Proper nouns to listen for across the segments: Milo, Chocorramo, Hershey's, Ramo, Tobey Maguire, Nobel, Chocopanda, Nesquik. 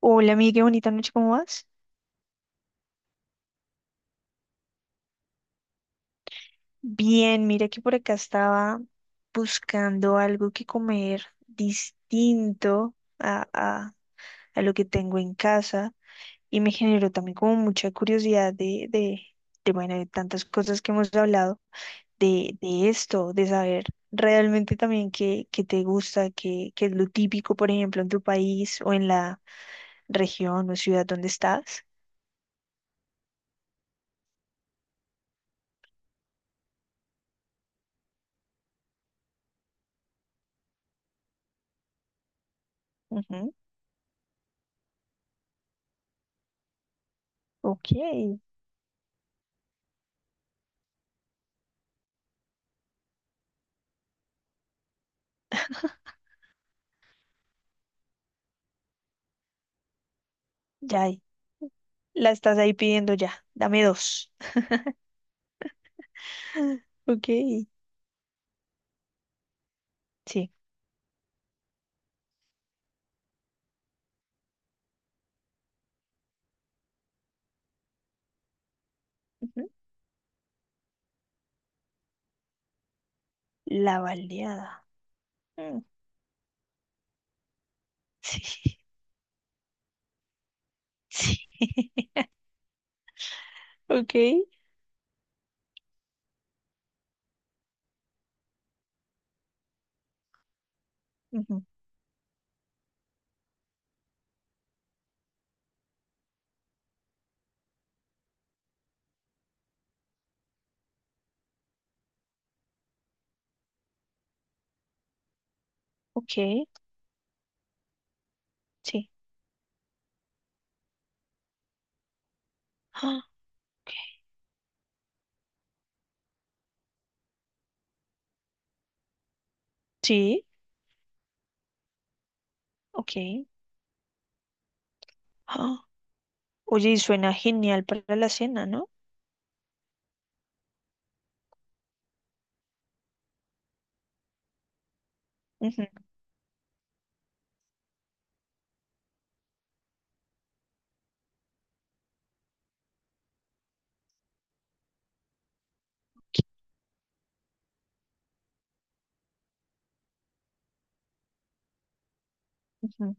Hola, amiga, qué bonita noche, ¿cómo vas? Bien, mira que por acá estaba buscando algo que comer distinto a, a- a lo que tengo en casa, y me generó también como mucha curiosidad de bueno, de tantas cosas que hemos hablado, de esto, de saber realmente también qué, qué te gusta, qué, qué es lo típico, por ejemplo, en tu país o en la región o ciudad donde estás. Ujú. Ok, ya. La estás ahí pidiendo ya. Dame dos. Ok. Sí. Ujú. La baleada. Mm. Sí. Sí. Ok. Ujú. Ok. Sí. Ah, ok. Sí. Ok. Ah. Oye, y suena genial para la cena, ¿no? Ujú. Ujú.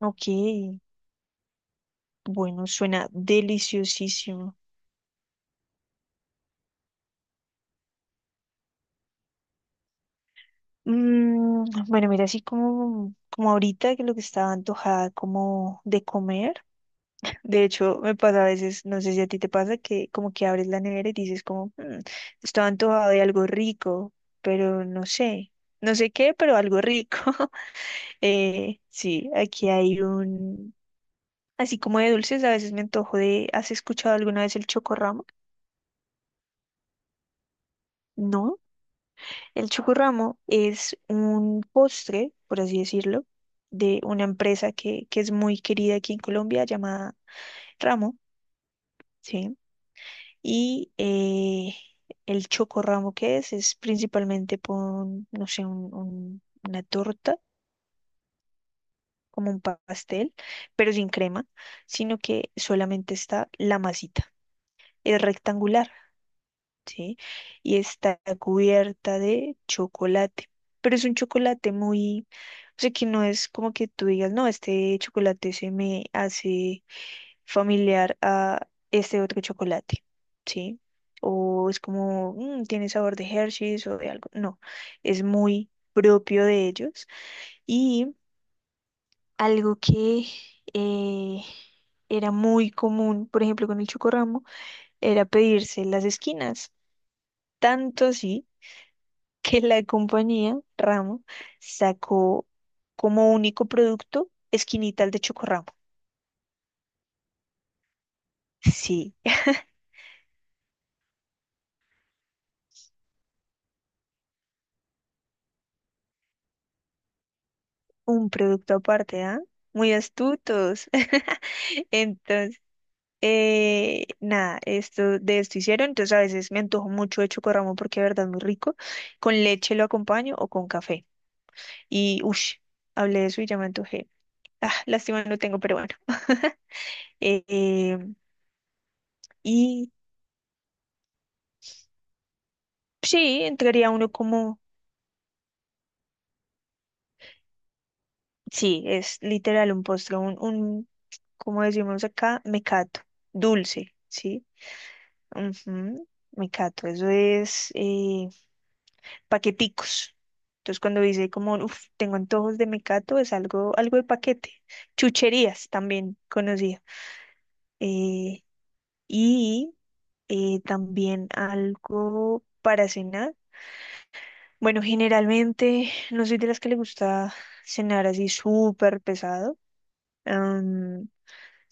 Ok, bueno, suena deliciosísimo. Mm, bueno, mira, así como ahorita que lo que estaba antojada como de comer. De hecho, me pasa a veces, no sé si a ti te pasa, que como que abres la nevera y dices como, "Mm, estaba antojado de algo rico, pero no sé, no sé qué, pero algo rico". Sí, aquí hay un, así como de dulces, a veces me antojo de, ¿has escuchado alguna vez el chocorramo? No, el chocorramo es un postre, por así decirlo, de una empresa que es muy querida aquí en Colombia llamada Ramo, ¿sí? Y el chocorramo, que es principalmente pon, no sé, una torta, como un pastel, pero sin crema, sino que solamente está la masita. Es rectangular, ¿sí? Y está cubierta de chocolate. Pero es un chocolate muy, o sea, que no es como que tú digas, no, este chocolate se me hace familiar a este otro chocolate, ¿sí? O es como, "Mm, tiene sabor de Hershey's o de algo". No, es muy propio de ellos. Y algo que eh, era muy común, por ejemplo, con el Chocorramo, era pedirse las esquinas. Tanto así que la compañía Ramo sacó como único producto esquinitas de Chocorramo. Sí. Un producto aparte, ¿ah? Muy astutos. Entonces, nada, esto, de esto hicieron. Entonces, a veces me antojo mucho de chocorramo porque de verdad es muy rico. Con leche lo acompaño o con café. Y, uff, hablé de eso y ya me antojé. Ah, lástima no tengo, pero bueno. Eh, eh, y sí, entraría uno como, sí, es literal un postre, como decimos acá, mecato, dulce, ¿sí? Ujú. Mecato, eso es paqueticos. Entonces cuando dice como, uff, tengo antojos de mecato, es algo, algo de paquete. Chucherías también conocía. Eh, y también algo para cenar. Bueno, generalmente no soy de las que le gusta cenar así súper pesado, am,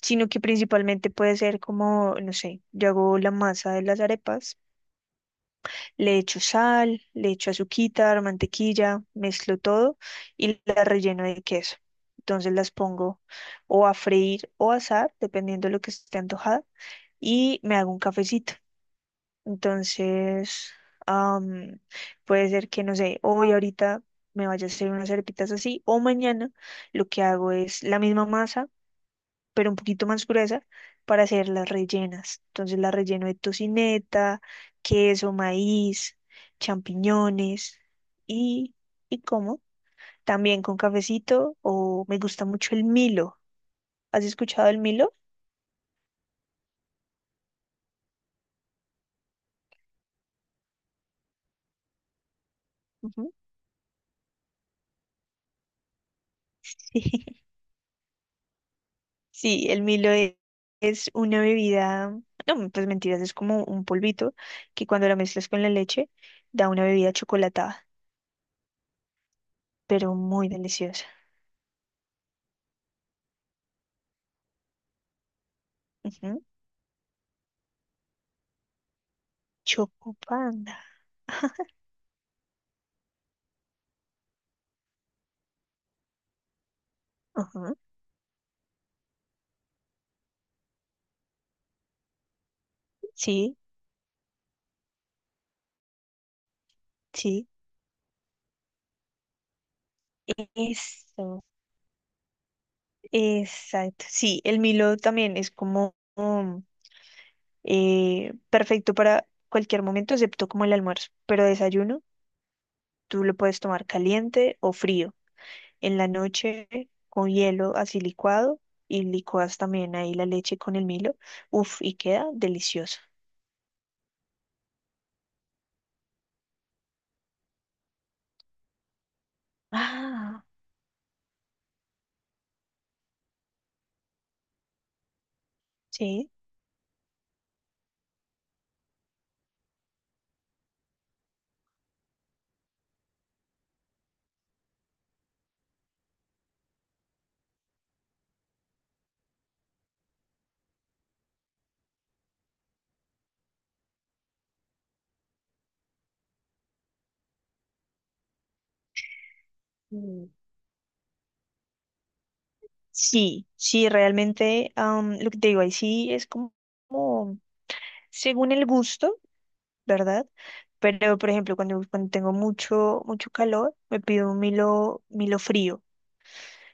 sino que principalmente puede ser como, no sé, yo hago la masa de las arepas. Le echo sal, le echo azuquitar, mantequilla, mezclo todo y las relleno de queso. Entonces las pongo o a freír o a asar, dependiendo de lo que esté antojada, y me hago un cafecito. Entonces, am, puede ser que, no sé, hoy ahorita me vaya a hacer unas arepitas así, o mañana lo que hago es la misma masa pero un poquito más gruesa, para hacer las rellenas. Entonces la relleno de tocineta, queso, maíz, champiñones y, y como. También con cafecito, o me gusta mucho el Milo. ¿Has escuchado el Milo? Ujú. Sí. Sí, el es una bebida, no, pues mentiras, es como un polvito que cuando la mezclas con la leche da una bebida chocolatada, pero muy deliciosa. Ujú. Chocopanda. Ajá. Sí, Sí, eso, exacto. Sí, el Milo también es como perfecto para cualquier momento, excepto como el almuerzo. Pero desayuno, tú lo puedes tomar caliente o frío. En la noche, con hielo así licuado, y licuas también ahí la leche con el Milo. Uf, y queda delicioso. Ah. Sí, mm, sí, sí, realmente, lo que te digo ahí sí es como según el gusto. ¿Verdad? Pero, por ejemplo, cuando tengo mucho, mucho calor, me pido un Milo, Milo frío,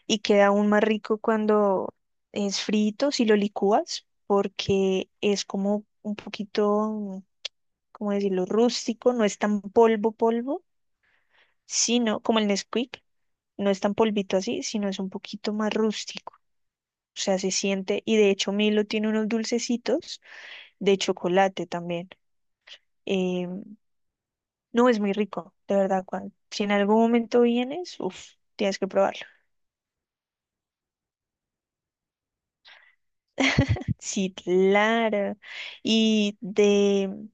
y queda aún más rico cuando es frito, si lo licúas, porque es como un poquito, ¿cómo decirlo?, rústico, no es tan polvo, polvo, sino como el Nesquik, no es tan polvito así, sino es un poquito más rústico. O sea, se siente, y de hecho Milo tiene unos dulcecitos de chocolate también. em, No, es muy rico, de verdad, cuando, si en algún momento vienes, uff, tienes que probarlo. Sí, claro. Y de,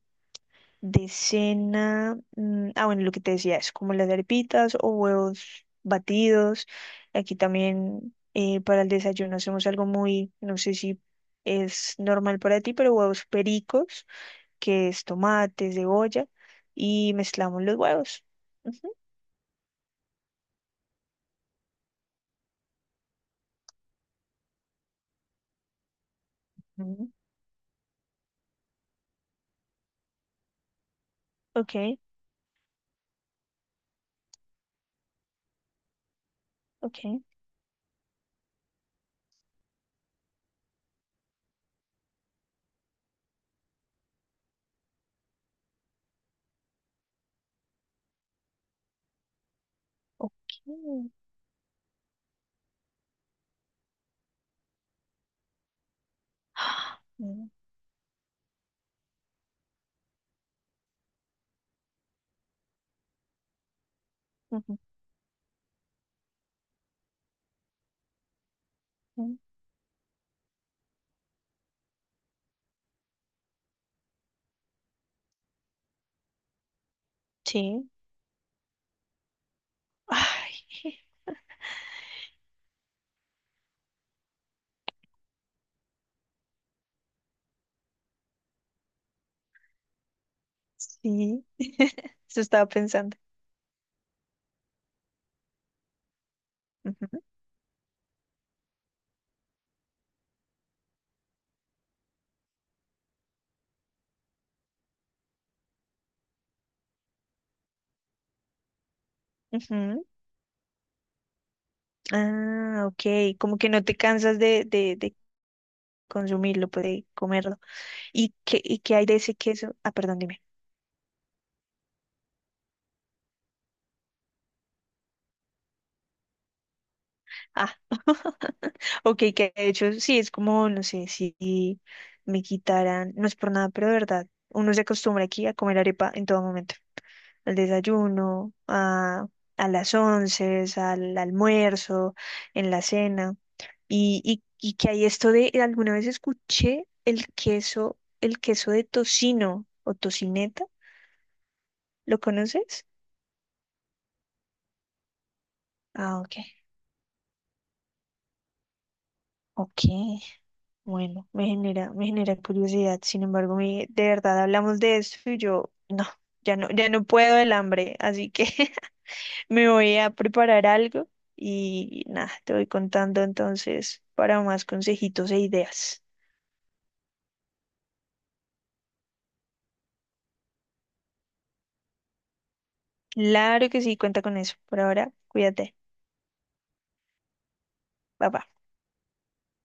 de cena, mm, ah, bueno, lo que te decía es como las arepitas o huevos batidos. Aquí también para el desayuno hacemos algo muy, no sé si es normal para ti, pero huevos pericos, que es tomate, cebolla, y mezclamos los huevos. Ujú. Mm. Ok, ok, ok. Mm, ujú, ujú. Sí. Ay, sí. Eso estaba pensando. Ujú, ujú. Ah, ok. Como que no te cansas de consumirlo, pues, de comerlo. Y qué hay de ese queso? Ah, perdón, dime. Ah. Ok, que de hecho sí, es como, no sé, si me quitaran, no es por nada, pero de verdad, uno se acostumbra aquí a comer arepa en todo momento. Al desayuno, a las once, al almuerzo, en la cena. Y que hay esto de, alguna vez escuché el queso de tocino o tocineta, ¿lo conoces? Ah, ok. Ok, bueno, me genera curiosidad. Sin embargo, mi- de verdad hablamos de esto y yo no, ya no, ya no puedo el hambre, así que me voy a preparar algo y nada, te voy contando entonces para más consejitos e ideas. Claro que sí, cuenta con eso. Por ahora, cuídate. Bye bye.